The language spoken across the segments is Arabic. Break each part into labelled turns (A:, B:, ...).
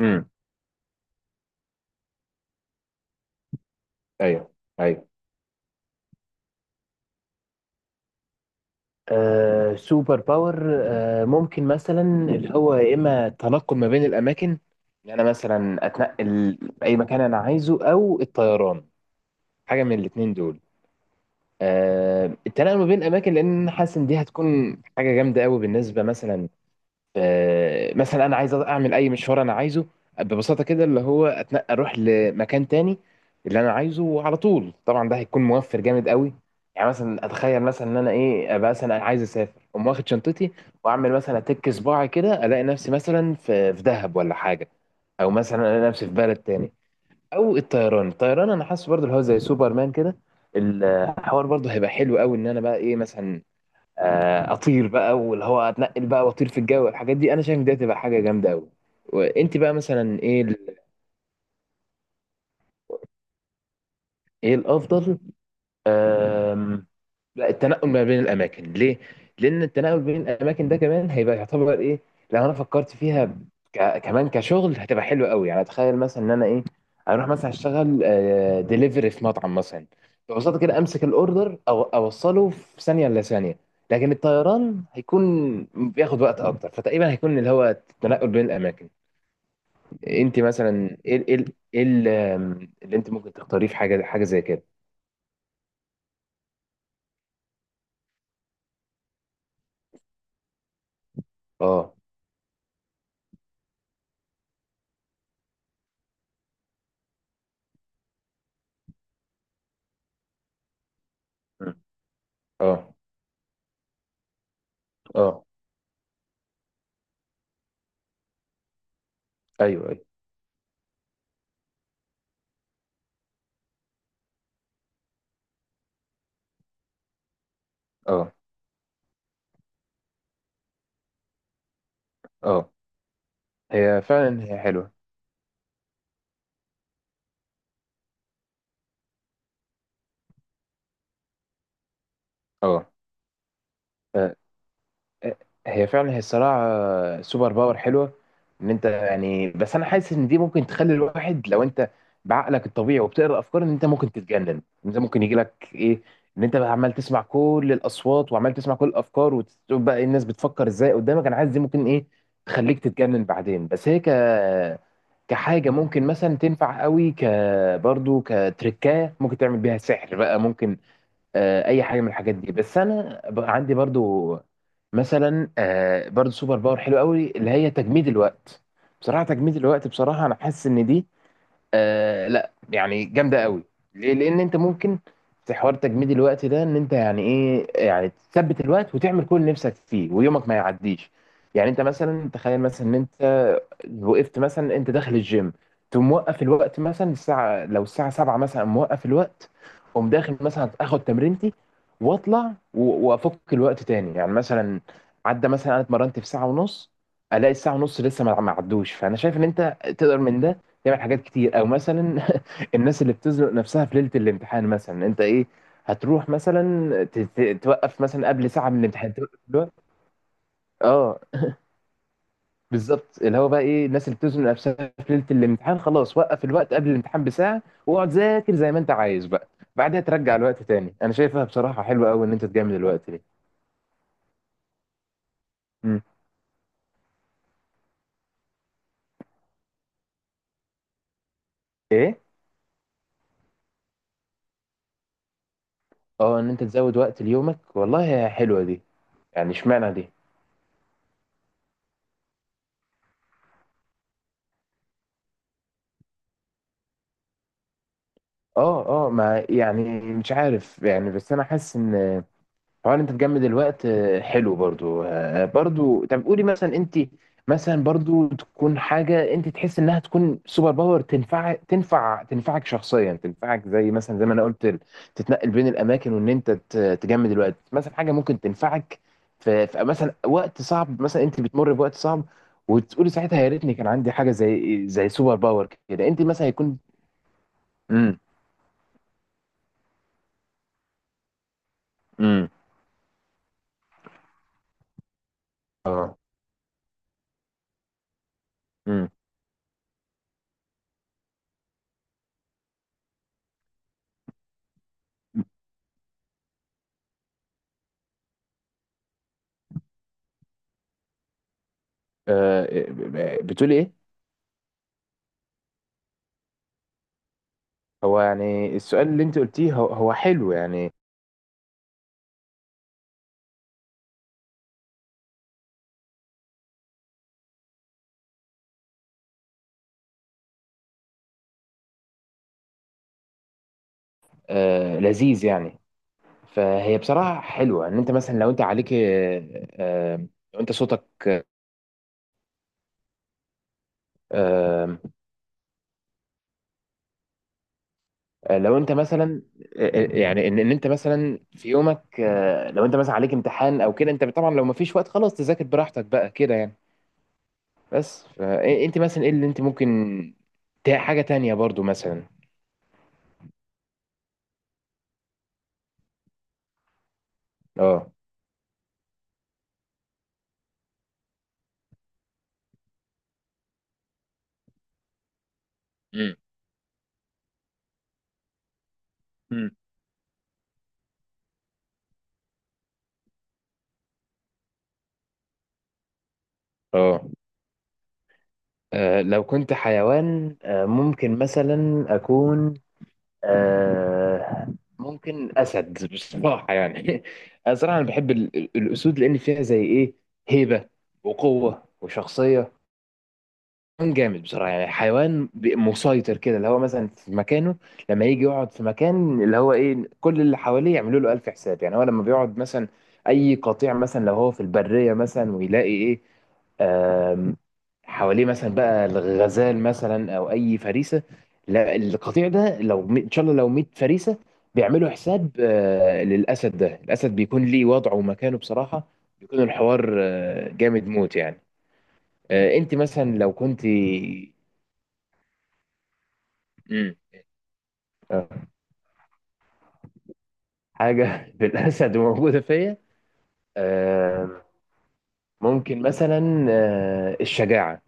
A: امم ايوه، ايوه. آه، سوبر باور، ممكن مثلا اللي هو يا اما التنقل ما بين الاماكن، ان انا مثلا اتنقل اي مكان انا عايزه او الطيران، حاجه من الاتنين دول. آه، التنقل ما بين الاماكن، لان أنا حاسس ان دي هتكون حاجه جامده قوي بالنسبه مثلا. مثلا انا عايز اعمل اي مشوار انا عايزه، ببساطه كده اللي هو اتنقل، اروح لمكان تاني اللي انا عايزه على طول. طبعا ده هيكون موفر جامد قوي. يعني مثلا اتخيل مثلا ان انا ايه، ابقى مثلا عايز اسافر، اقوم واخد شنطتي واعمل مثلا اتك صباعي كده، الاقي نفسي مثلا في دهب ولا حاجه، او مثلا الاقي نفسي في بلد تاني. او الطيران انا حاسس برضه اللي هو زي سوبرمان كده، الحوار برضه هيبقى حلو قوي ان انا بقى ايه مثلا، اطير بقى واللي هو اتنقل بقى واطير في الجو. الحاجات دي انا شايف إن دي هتبقى حاجه جامده قوي. وانت بقى مثلا ايه ايه الافضل؟ أم، لا، التنقل ما بين الاماكن. ليه؟ لان التنقل بين الاماكن ده كمان هيبقى يعتبر ايه، لو انا فكرت فيها، كمان كشغل هتبقى حلوه قوي. يعني اتخيل مثلا ان انا ايه، اروح مثلا اشتغل ديليفري في مطعم مثلا. ببساطه كده امسك الاوردر او اوصله في ثانيه الا ثانيه. لكن الطيران هيكون بياخد وقت اكتر، فتقريبا هيكون اللي هو التنقل بين الاماكن. انت مثلا ايه، ايه اللي انت ممكن تختاريه في حاجه زي كده؟ اه. م. اه، اه، ايوه، ايوه. اه، اه، هي فعلا هي حلوه. اه. آه، هي فعلا هي الصراحة سوبر باور حلوة ان انت يعني. بس انا حاسس ان دي ممكن تخلي الواحد، لو انت بعقلك الطبيعي وبتقرا افكار ان انت ممكن تتجنن. انت ممكن يجي لك ايه، ان انت بقى عمال تسمع كل الاصوات وعمال تسمع كل الافكار وتشوف بقى إيه الناس بتفكر ازاي قدامك. انا حاسس دي ممكن ايه، تخليك تتجنن بعدين. بس هي كحاجة ممكن مثلا تنفع قوي، برضه كتركاية ممكن تعمل بيها سحر بقى، ممكن اي حاجه من الحاجات دي. بس انا عندي برضو مثلا برضو سوبر باور حلو قوي اللي هي تجميد الوقت. بصراحه تجميد الوقت بصراحه انا حاسس ان دي لا يعني جامده قوي. ليه؟ لان انت ممكن في حوار تجميد الوقت ده ان انت يعني ايه، يعني تثبت الوقت وتعمل كل اللي نفسك فيه ويومك ما يعديش. يعني انت مثلا تخيل مثلا ان انت وقفت مثلا انت داخل الجيم، تقوم موقف الوقت مثلا الساعه لو الساعه 7 مثلا موقف الوقت، اقوم داخل مثلا اخد تمرينتي واطلع وافك الوقت تاني. يعني مثلا عدى مثلا انا اتمرنت في ساعه ونص، الاقي الساعه ونص لسه ما عدوش. فانا شايف ان انت تقدر من ده تعمل حاجات كتير. او مثلا الناس اللي بتزنق نفسها في ليله الامتحان مثلا انت ايه، هتروح مثلا توقف مثلا قبل ساعه من الامتحان، توقف الوقت. اه بالظبط. اللي هو بقى ايه، الناس اللي بتزنق نفسها في ليله الامتحان خلاص وقف الوقت قبل الامتحان بساعه واقعد ذاكر زي ما انت عايز بقى، بعدها ترجع الوقت تاني. انا شايفها بصراحه حلوه قوي ان انت تجامل الوقت دي. مم. ايه. اه، ان انت تزود وقت ليومك؟ والله حلوه دي. يعني اشمعنى دي؟ اه، اه. ما يعني مش عارف يعني. بس انا حاسس ان طبعا انت تجمد الوقت حلو برضو. برضو طب قولي مثلا انت مثلا برضو تكون حاجه انت تحس انها تكون سوبر باور تنفع، تنفعك شخصيا، تنفعك زي مثلا زي ما انا قلت تتنقل بين الاماكن وان انت تجمد الوقت مثلا حاجه ممكن تنفعك في مثلا وقت صعب، مثلا انت بتمر بوقت صعب وتقولي ساعتها يا ريتني كان عندي حاجه زي سوبر باور كده. انت مثلا يكون. امم امم اه. امم آه، بتقولي ايه؟ هو يعني السؤال اللي انت قلتيه هو هو حلو يعني. آه، لذيذ يعني. فهي بصراحة حلوة ان انت مثلا، لو انت عليك لو انت صوتك. آه. لو انت مثلا يعني ان انت مثلا في يومك، آه لو انت مثلا عليك امتحان او كده، انت طبعا لو ما فيش وقت خلاص تذاكر براحتك بقى كده يعني. بس فانت مثلا ايه اللي انت ممكن حاجة تانية برضو مثلا؟ اه. مم. مم. اه. آه، لو كنت حيوان، ممكن مثلا أكون آه، ممكن أسد بصراحة يعني أنا صراحة أنا بحب الأسود لأن فيها زي إيه، هيبة وقوة وشخصية. حيوان جامد بصراحة يعني، حيوان مسيطر كده اللي هو مثلا في مكانه. لما يجي يقعد في مكان اللي هو ايه كل اللي حواليه يعملوا له ألف حساب. يعني هو لما بيقعد مثلا أي قطيع مثلا لو هو في البرية مثلا ويلاقي ايه آم، حواليه مثلا بقى الغزال مثلا او اي فريسه، لا القطيع ده لو ان شاء الله لو 100 فريسه بيعملوا حساب للاسد ده. الاسد بيكون ليه وضعه ومكانه بصراحه، بيكون الحوار جامد موت يعني. انت مثلا لو كنت. امم آه، حاجة في الأسد موجودة فيا. آه، ممكن مثلا الشجاعة.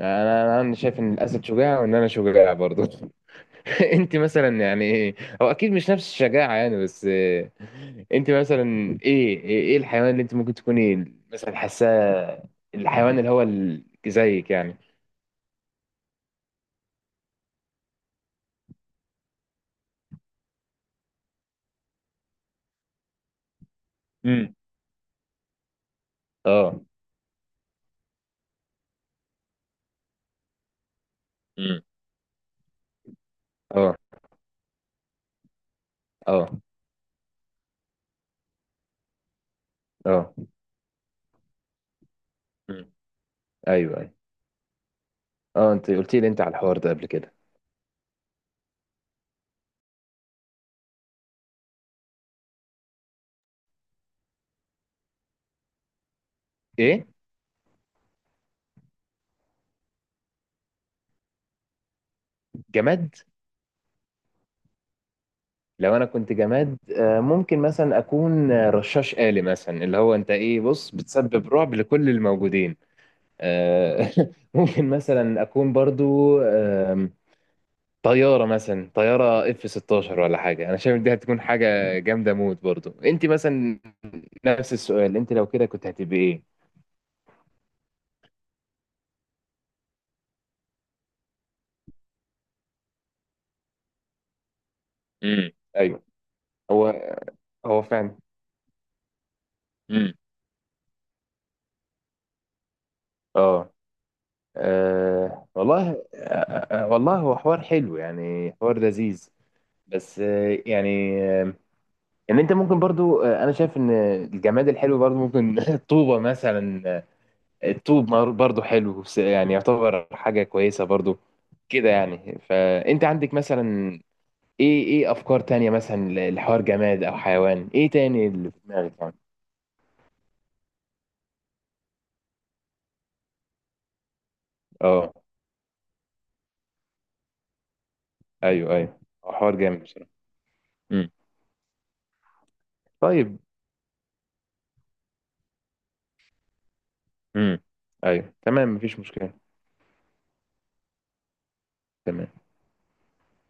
A: أنا شايف إن الأسد شجاع وإن أنا شجاع برضو أنت مثلا يعني إيه؟ هو أكيد مش نفس الشجاعة يعني. بس أنت مثلا إيه إيه الحيوان اللي أنت ممكن تكوني مثلا حاساه، الحيوان اللي هو زيك يعني؟ امم أه. امم أه، أه، أه. امم أيوه، أيوه. أه، أنت قلت لي أنت على الحوار ده قبل كده. إيه؟ جماد؟ لو انا كنت جماد، ممكن مثلا اكون رشاش آلي مثلا اللي هو انت ايه بص، بتسبب رعب لكل الموجودين. آه، ممكن مثلا اكون برضو طيارة مثلا، طيارة اف 16 ولا حاجة. انا شايف دي هتكون حاجة جامدة موت برضو. انت مثلا نفس السؤال، انت لو كده كنت هتبقي ايه؟ امم ايوه. هو، هو فعلا. امم اه. آه، والله، والله هو حوار حلو يعني، حوار لذيذ. بس يعني ان انت ممكن برضو، انا شايف ان الجماد الحلو برضو ممكن الطوبه مثلا. الطوب برضو حلو، بس يعني يعتبر حاجه كويسه برضو كده يعني. فانت عندك مثلا ايه، ايه افكار تانية مثلا لحوار جماد او حيوان، ايه تاني اللي في دماغك يعني؟ اه، ايوه، ايوه. حوار جامد بصراحه. امم طيب. امم ايوه تمام، مفيش مشكله. تمام.